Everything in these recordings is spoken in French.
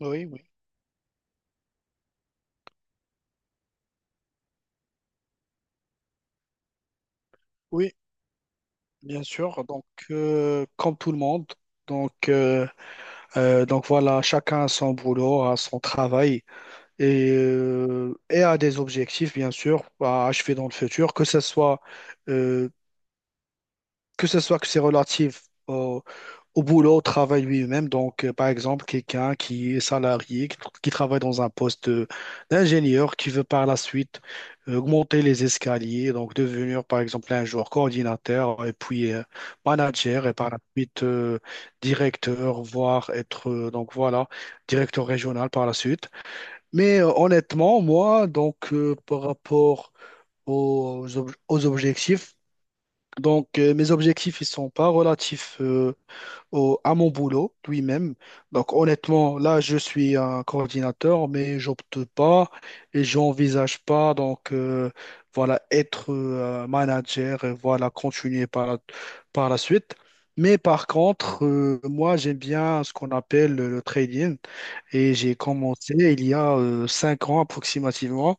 Oui, oui, oui, bien sûr. Donc, comme tout le monde, donc, euh, donc voilà, chacun a son boulot, a son travail et a des objectifs, bien sûr, à achever dans le futur, que ce soit, euh, que c'est relatif au boulot, au travail lui-même. Donc, par exemple, quelqu'un qui est salarié, qui travaille dans un poste d'ingénieur, qui veut par la suite augmenter les escaliers, donc devenir, par exemple, un jour coordinateur et puis manager et par la suite directeur, voire être, directeur régional par la suite. Mais honnêtement, moi, par rapport aux objectifs, mes objectifs, ils sont pas relatifs, à mon boulot lui-même. Donc honnêtement, là, je suis un coordinateur, mais j'opte pas et j'envisage pas voilà être manager et voilà continuer par la suite. Mais par contre, moi, j'aime bien ce qu'on appelle le trading et j'ai commencé il y a 5 ans approximativement.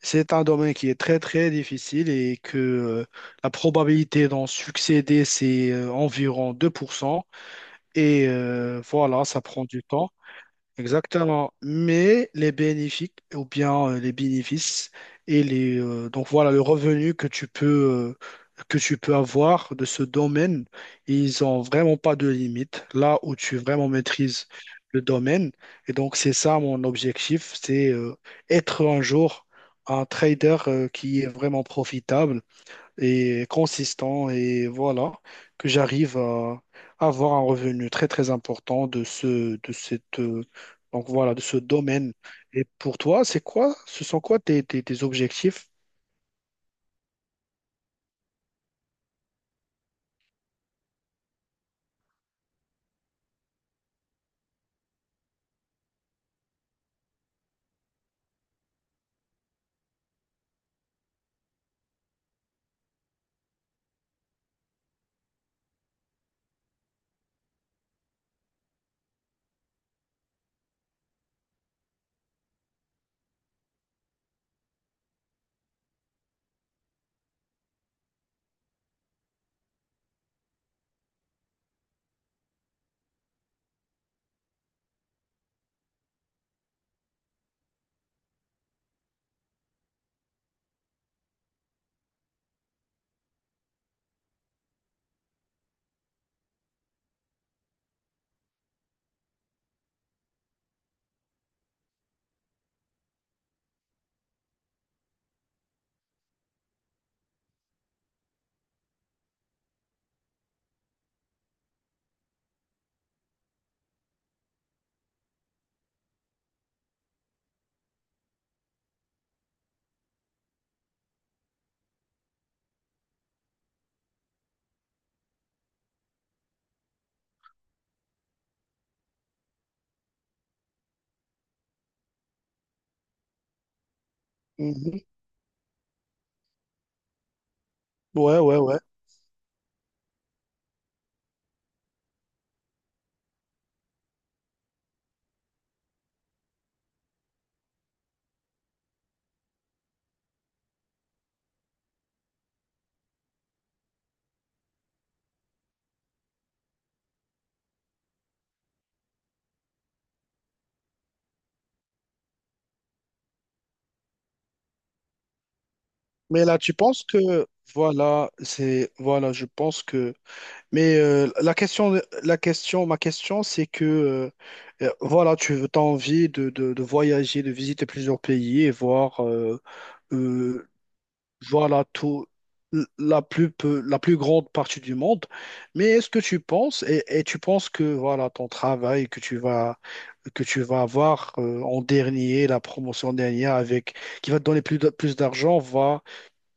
C'est un domaine qui est très très difficile et que la probabilité d'en succéder, c'est environ 2%. Et voilà, ça prend du temps. Exactement. Mais les bénéfices, ou bien les bénéfices, et donc voilà, le revenu que tu peux avoir de ce domaine, ils ont vraiment pas de limite, là où tu vraiment maîtrises le domaine. Et donc, c'est ça mon objectif, c'est être un jour un trader qui est vraiment profitable et consistant et voilà, que j'arrive à avoir un revenu très très important de cette, de ce domaine. Et pour toi, ce sont quoi tes objectifs? Mhm. Ouais, ouais, ouais. Mais là, tu penses que, voilà, je pense que, mais ma question, c'est que, voilà, tu as envie de voyager, de visiter plusieurs pays et voir euh, voilà tout, la plus grande partie du monde. Mais est-ce que tu penses, et tu penses que voilà ton travail que tu vas avoir en dernier, la promotion dernière avec, qui va te donner plus d'argent, va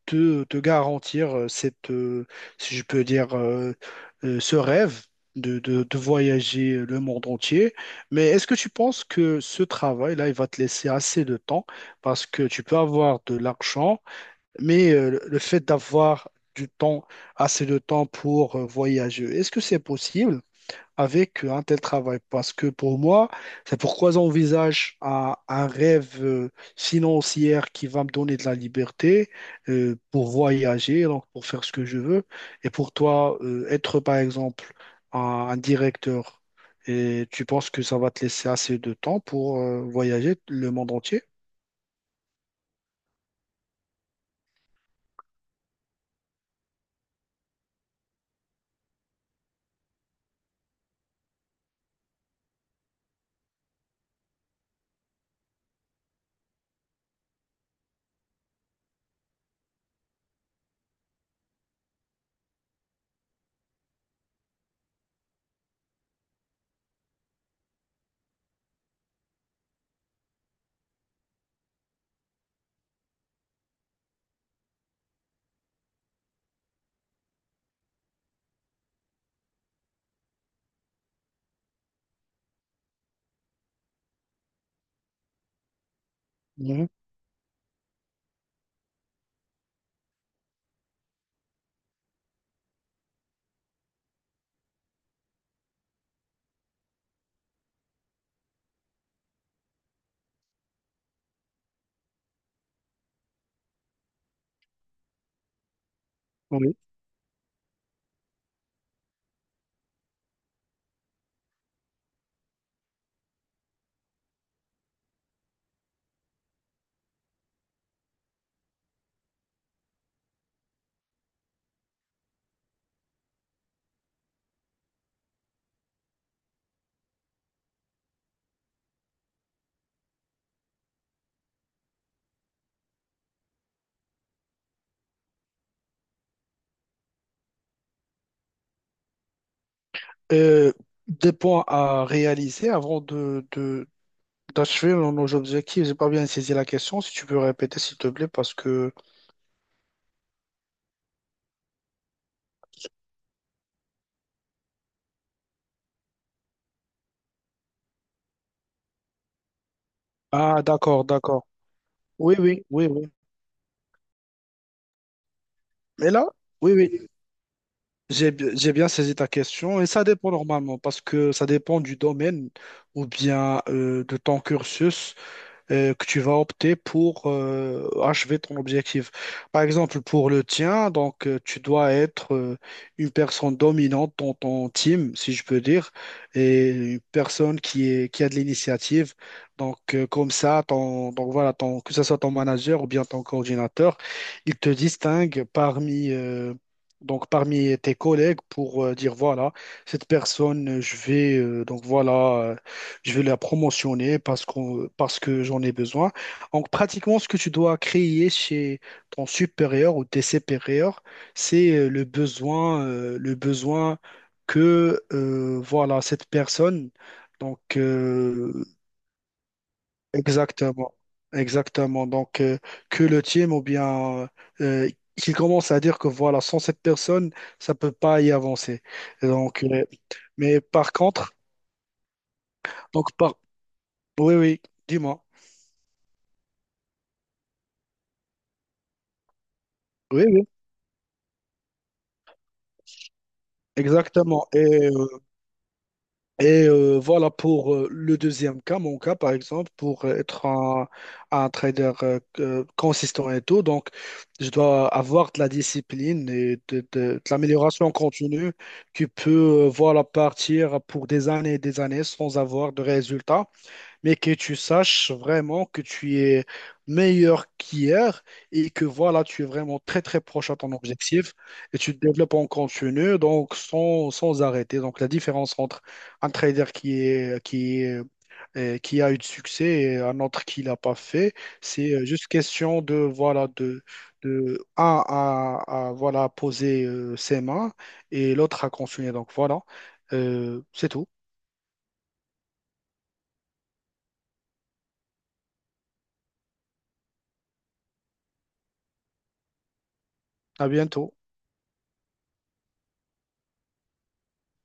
te garantir si je peux dire, ce rêve de voyager le monde entier. Mais est-ce que tu penses que ce travail-là, il va te laisser assez de temps parce que tu peux avoir de l'argent mais le fait d'avoir du temps, assez de temps pour voyager, est-ce que c'est possible avec un tel travail? Parce que pour moi, c'est pourquoi j'envisage un rêve financier qui va me donner de la liberté pour voyager, donc pour faire ce que je veux. Et pour toi, être par exemple un directeur. Et tu penses que ça va te laisser assez de temps pour voyager le monde entier? Mhm. Oui. Euh, des points à réaliser avant d'achever nos objectifs. J'ai pas bien saisi la question. Si tu peux répéter, s'il te plaît, parce que... Ah, d'accord, d'accord. Oui, oui, oui, oui. Mais là, oui, oui, j'ai bien saisi ta question. Et ça dépend normalement, parce que ça dépend du domaine ou bien de ton cursus, que tu vas opter pour achever ton objectif. Par exemple, pour le tien, tu dois être une personne dominante dans ton team, si je peux dire, et une personne qui a de l'initiative. Donc comme ça, ton, que ce soit ton manager ou bien ton coordinateur, il te distingue parmi donc parmi tes collègues pour dire voilà cette personne, je vais la promotionner parce que j'en ai besoin. Donc, pratiquement, ce que tu dois créer chez ton supérieur ou tes supérieurs, c'est le besoin que voilà cette personne. Donc, euh, exactement, exactement. Que le team ou bien euh, qu'il commence à dire que voilà, sans cette personne, ça peut pas y avancer. Donc, mais par contre, donc par, oui, oui, dis-moi. Oui, oui. Exactement. Euh, et voilà pour le deuxième cas, mon cas par exemple, pour être un trader consistant et tout. Donc, je dois avoir de la discipline et de l'amélioration continue qui peut voilà, partir pour des années et des années sans avoir de résultats mais que tu saches vraiment que tu es meilleur qu'hier et que voilà, tu es vraiment très très proche à ton objectif et tu te développes en continu, donc sans arrêter. Donc la différence entre un trader qui a eu du succès et un autre qui l'a pas fait, c'est juste question de voilà de un à, voilà poser ses mains et l'autre à continuer. Donc voilà, c'est tout. À bientôt.